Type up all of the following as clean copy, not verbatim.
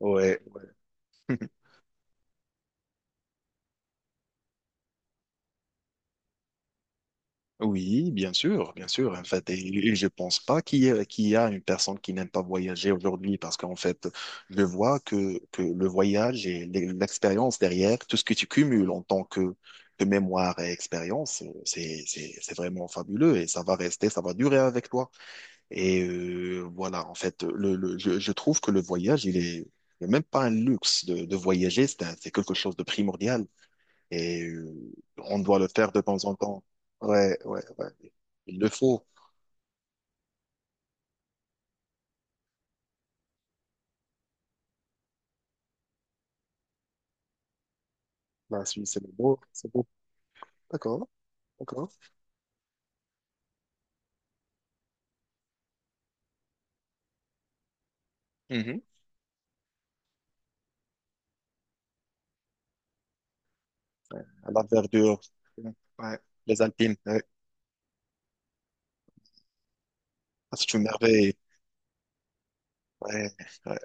Ouais, ouais. Oui, bien sûr, bien sûr. En fait, et je pense pas qu'il y a, qu'il y a une personne qui n'aime pas voyager aujourd'hui parce qu'en fait, je vois que le voyage et l'expérience derrière, tout ce que tu cumules en tant que mémoire et expérience, c'est vraiment fabuleux et ça va rester, ça va durer avec toi. Voilà, en fait, je trouve que le voyage, il est il y même pas un luxe de voyager, c'est quelque chose de primordial. Et euh, on doit le faire de temps en temps. Ouais, ouais, ouais. Il le faut. La Suisse, c'est beau, c'est beau. D'accord, d'accord. Mhm. Ouais, à la verdure. Ouais. Les Alpines, ouais. Ah, c'est une merveille. Ouais, ouais.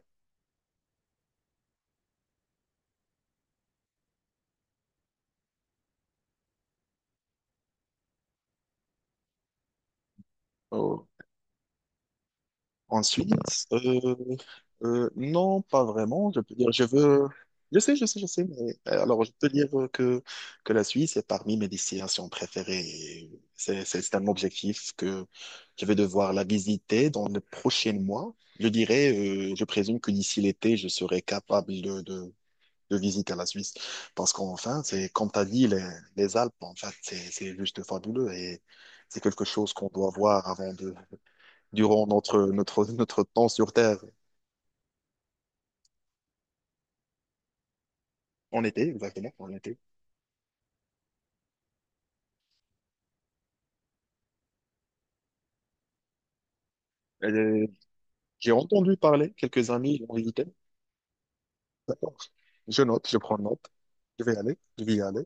Oh. Ensuite, euh, non, pas vraiment. Je peux dire, je veux. Je sais, je sais, je sais. Mais, alors, je peux dire que la Suisse est parmi mes destinations préférées. Et c'est, c'est un objectif que je vais devoir la visiter dans les prochains mois. Je dirais, je présume que d'ici l'été, je serai capable de visiter la Suisse. Parce qu'enfin, c'est, comme tu as dit, les Alpes, en fait, c'est juste fabuleux et c'est quelque chose qu'on doit voir avant de, durant notre temps sur Terre. En été, exactement, en été. Euh, j'ai entendu parler, quelques amis l'ont invité. D'accord. Je note, je prends note. Je vais y aller.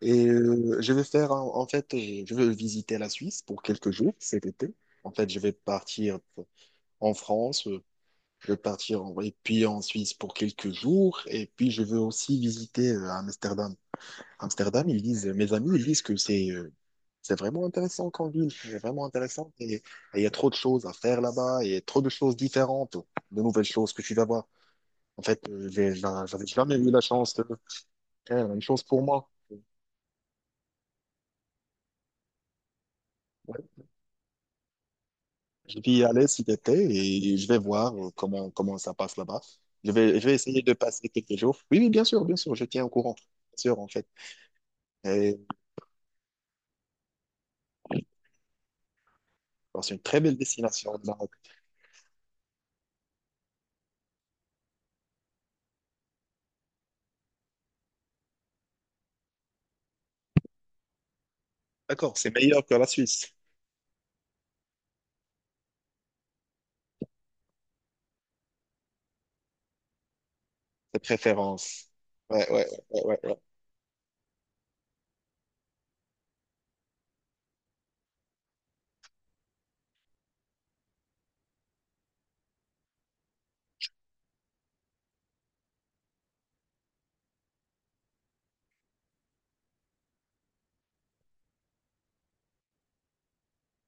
Je vais faire, en fait, je vais visiter la Suisse pour quelques jours cet été. En fait, je vais partir en France, je vais partir en, et puis en Suisse pour quelques jours. Et puis, je veux aussi visiter Amsterdam. Amsterdam, ils disent, mes amis, ils disent que c'est vraiment intéressant comme ville, c'est vraiment intéressant et il y a trop de choses à faire là-bas et trop de choses différentes, de nouvelles choses que tu vas voir. En fait, j'avais jamais eu la chance de faire la même chose pour moi. Ouais. Je vais y aller cet été et je vais voir comment, comment ça passe là-bas. Je vais essayer de passer quelques jours. Oui, oui, bien sûr, je tiens au courant. Bien sûr, en fait. Et, alors, c'est une très belle destination, le Maroc. D'accord, c'est meilleur que la Suisse, tes préférences. Ouais, ouais, ouais, ouais, ouais.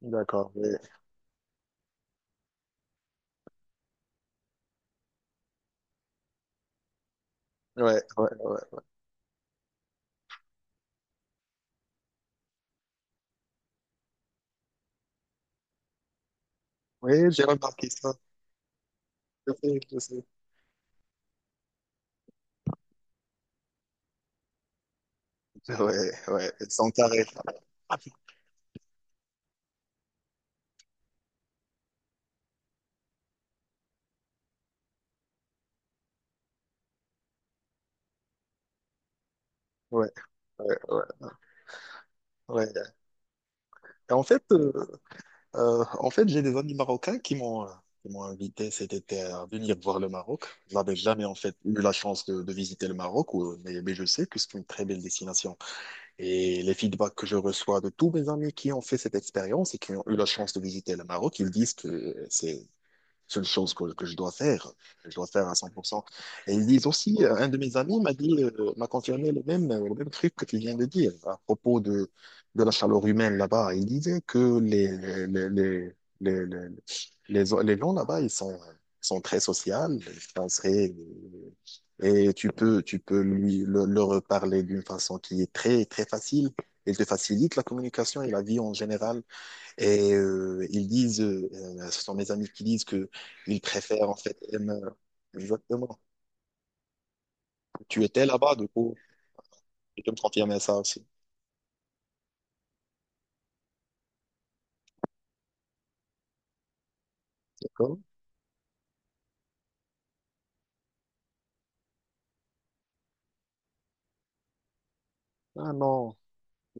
D'accord, ouais, ouais, ouais, ouais. Oui, j'ai remarqué ça. Je sais, je sais. Ouais, ouais, ils sont carrés. Ouais, ouais, ouais, ouais. Et en fait, j'ai des amis marocains qui m'ont invité cet été à venir voir le Maroc. Je n'avais jamais en fait eu la chance de visiter le Maroc, mais je sais que c'est une très belle destination. Et les feedbacks que je reçois de tous mes amis qui ont fait cette expérience et qui ont eu la chance de visiter le Maroc, ils disent que c'est seule chose que je dois faire, que je dois faire à 100%. Et ils disent aussi, un de mes amis m'a dit, m'a confirmé le même truc que tu viens de dire à propos de la chaleur humaine là-bas. Il disait que les, les, les, les, les gens là-bas, sont très sociaux, sont très- et tu peux leur parler d'une façon qui est très, très facile. Il te facilite la communication et la vie en général et ils disent, ce sont mes amis qui disent que ils préfèrent en fait M. Exactement. Tu étais là-bas, du coup, tu peux me confirmer ça aussi. D'accord? Ah non,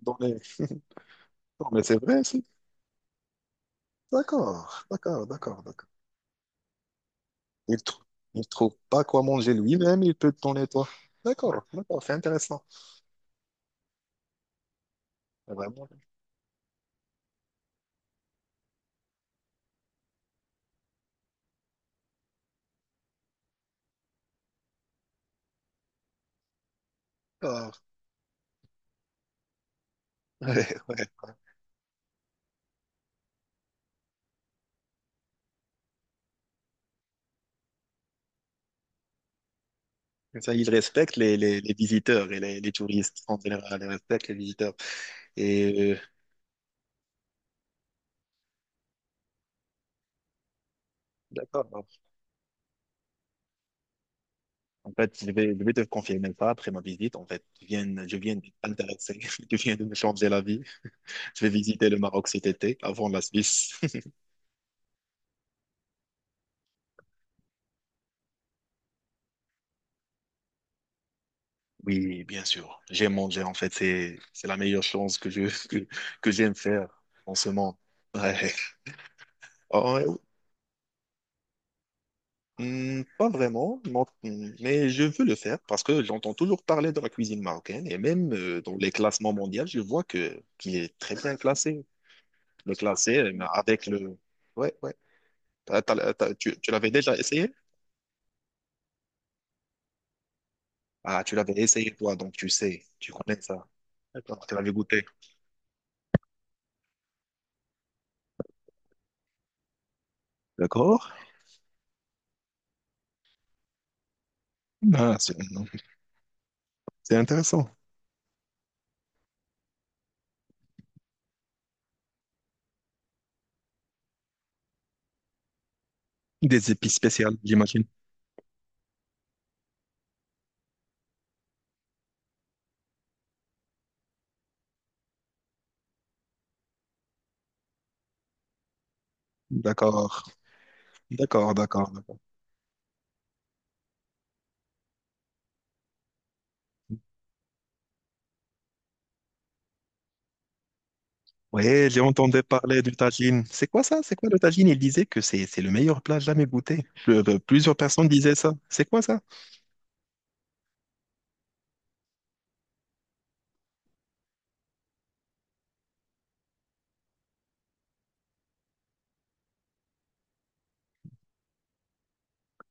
dans les- non, mais c'est vrai, si. D'accord, d'accord, d'accord, d'accord. Il trouve, il trouve pas quoi manger lui-même, il peut te donner toi. D'accord, d'accord, c'est intéressant. Vraiment. D'accord. Ouais, ouais, ouais. Comme ça, il respecte les visiteurs et les touristes. En général, il respecte les visiteurs. Et euh, d'accord. En fait, je vais te confirmer ça après ma visite. En fait, je viens d'être intéressé. Je viens de me changer la vie. Je vais visiter le Maroc cet été avant la Suisse. Oui, bien sûr. J'aime manger. En fait, c'est la meilleure chose que je, que, que j'aime faire en ce moment. Ouais. Oh, ouais, hmm, pas vraiment, non, hmm, mais je veux le faire parce que j'entends toujours parler de la cuisine marocaine et même dans les classements mondiaux, je vois que qu'il est très bien classé. Le classé avec le. Ouais, ouais. Tu tu l'avais déjà essayé? Ah, tu l'avais essayé toi, donc tu sais, tu connais ça. D'accord, tu l'avais goûté. D'accord. Ah, c'est intéressant. Des épices spéciales, j'imagine. D'accord, d'accord, d'accord, d'accord. Ouais, j'ai entendu parler du tagine. C'est quoi ça? C'est quoi le tagine? Il disait que c'est le meilleur plat jamais goûté. Plusieurs personnes disaient ça. C'est quoi ça?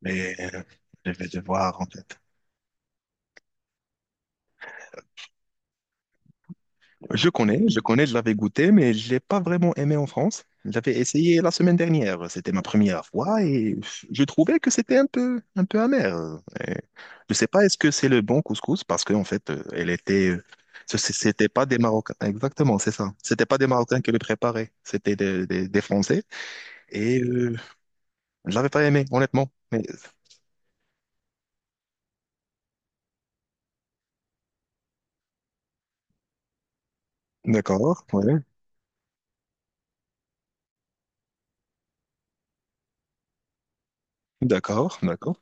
Mais euh, je vais devoir en fait. Je connais, je connais, je l'avais goûté, mais je l'ai pas vraiment aimé en France. J'avais essayé la semaine dernière, c'était ma première fois et je trouvais que c'était un peu amer. Et je sais pas, est-ce que c'est le bon couscous parce qu'en fait, elle était, c'était pas des Marocains, exactement, c'est ça. C'était pas des Marocains qui le préparaient, c'était des Français et je l'avais pas aimé, honnêtement. Mais d'accord, ouais, d'accord, d'accord.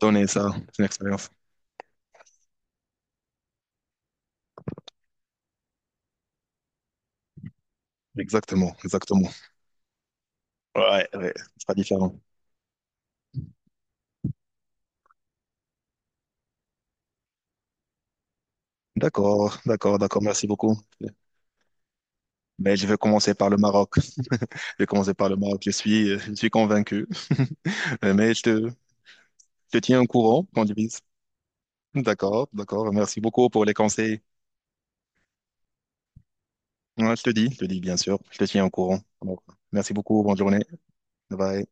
Donner ça, c'est une expérience. Exactement, exactement. Ouais, ouais, c'est pas différent. D'accord, d'accord, d'accord. Merci beaucoup. Mais je vais commencer par le Maroc. Je vais commencer par le Maroc. Je suis convaincu. Mais je te tiens au courant qu'on divise. D'accord, d'accord. Merci beaucoup pour les conseils. Ouais, je te dis, bien sûr. Je te tiens au courant. Donc, merci beaucoup. Bonne journée. Bye.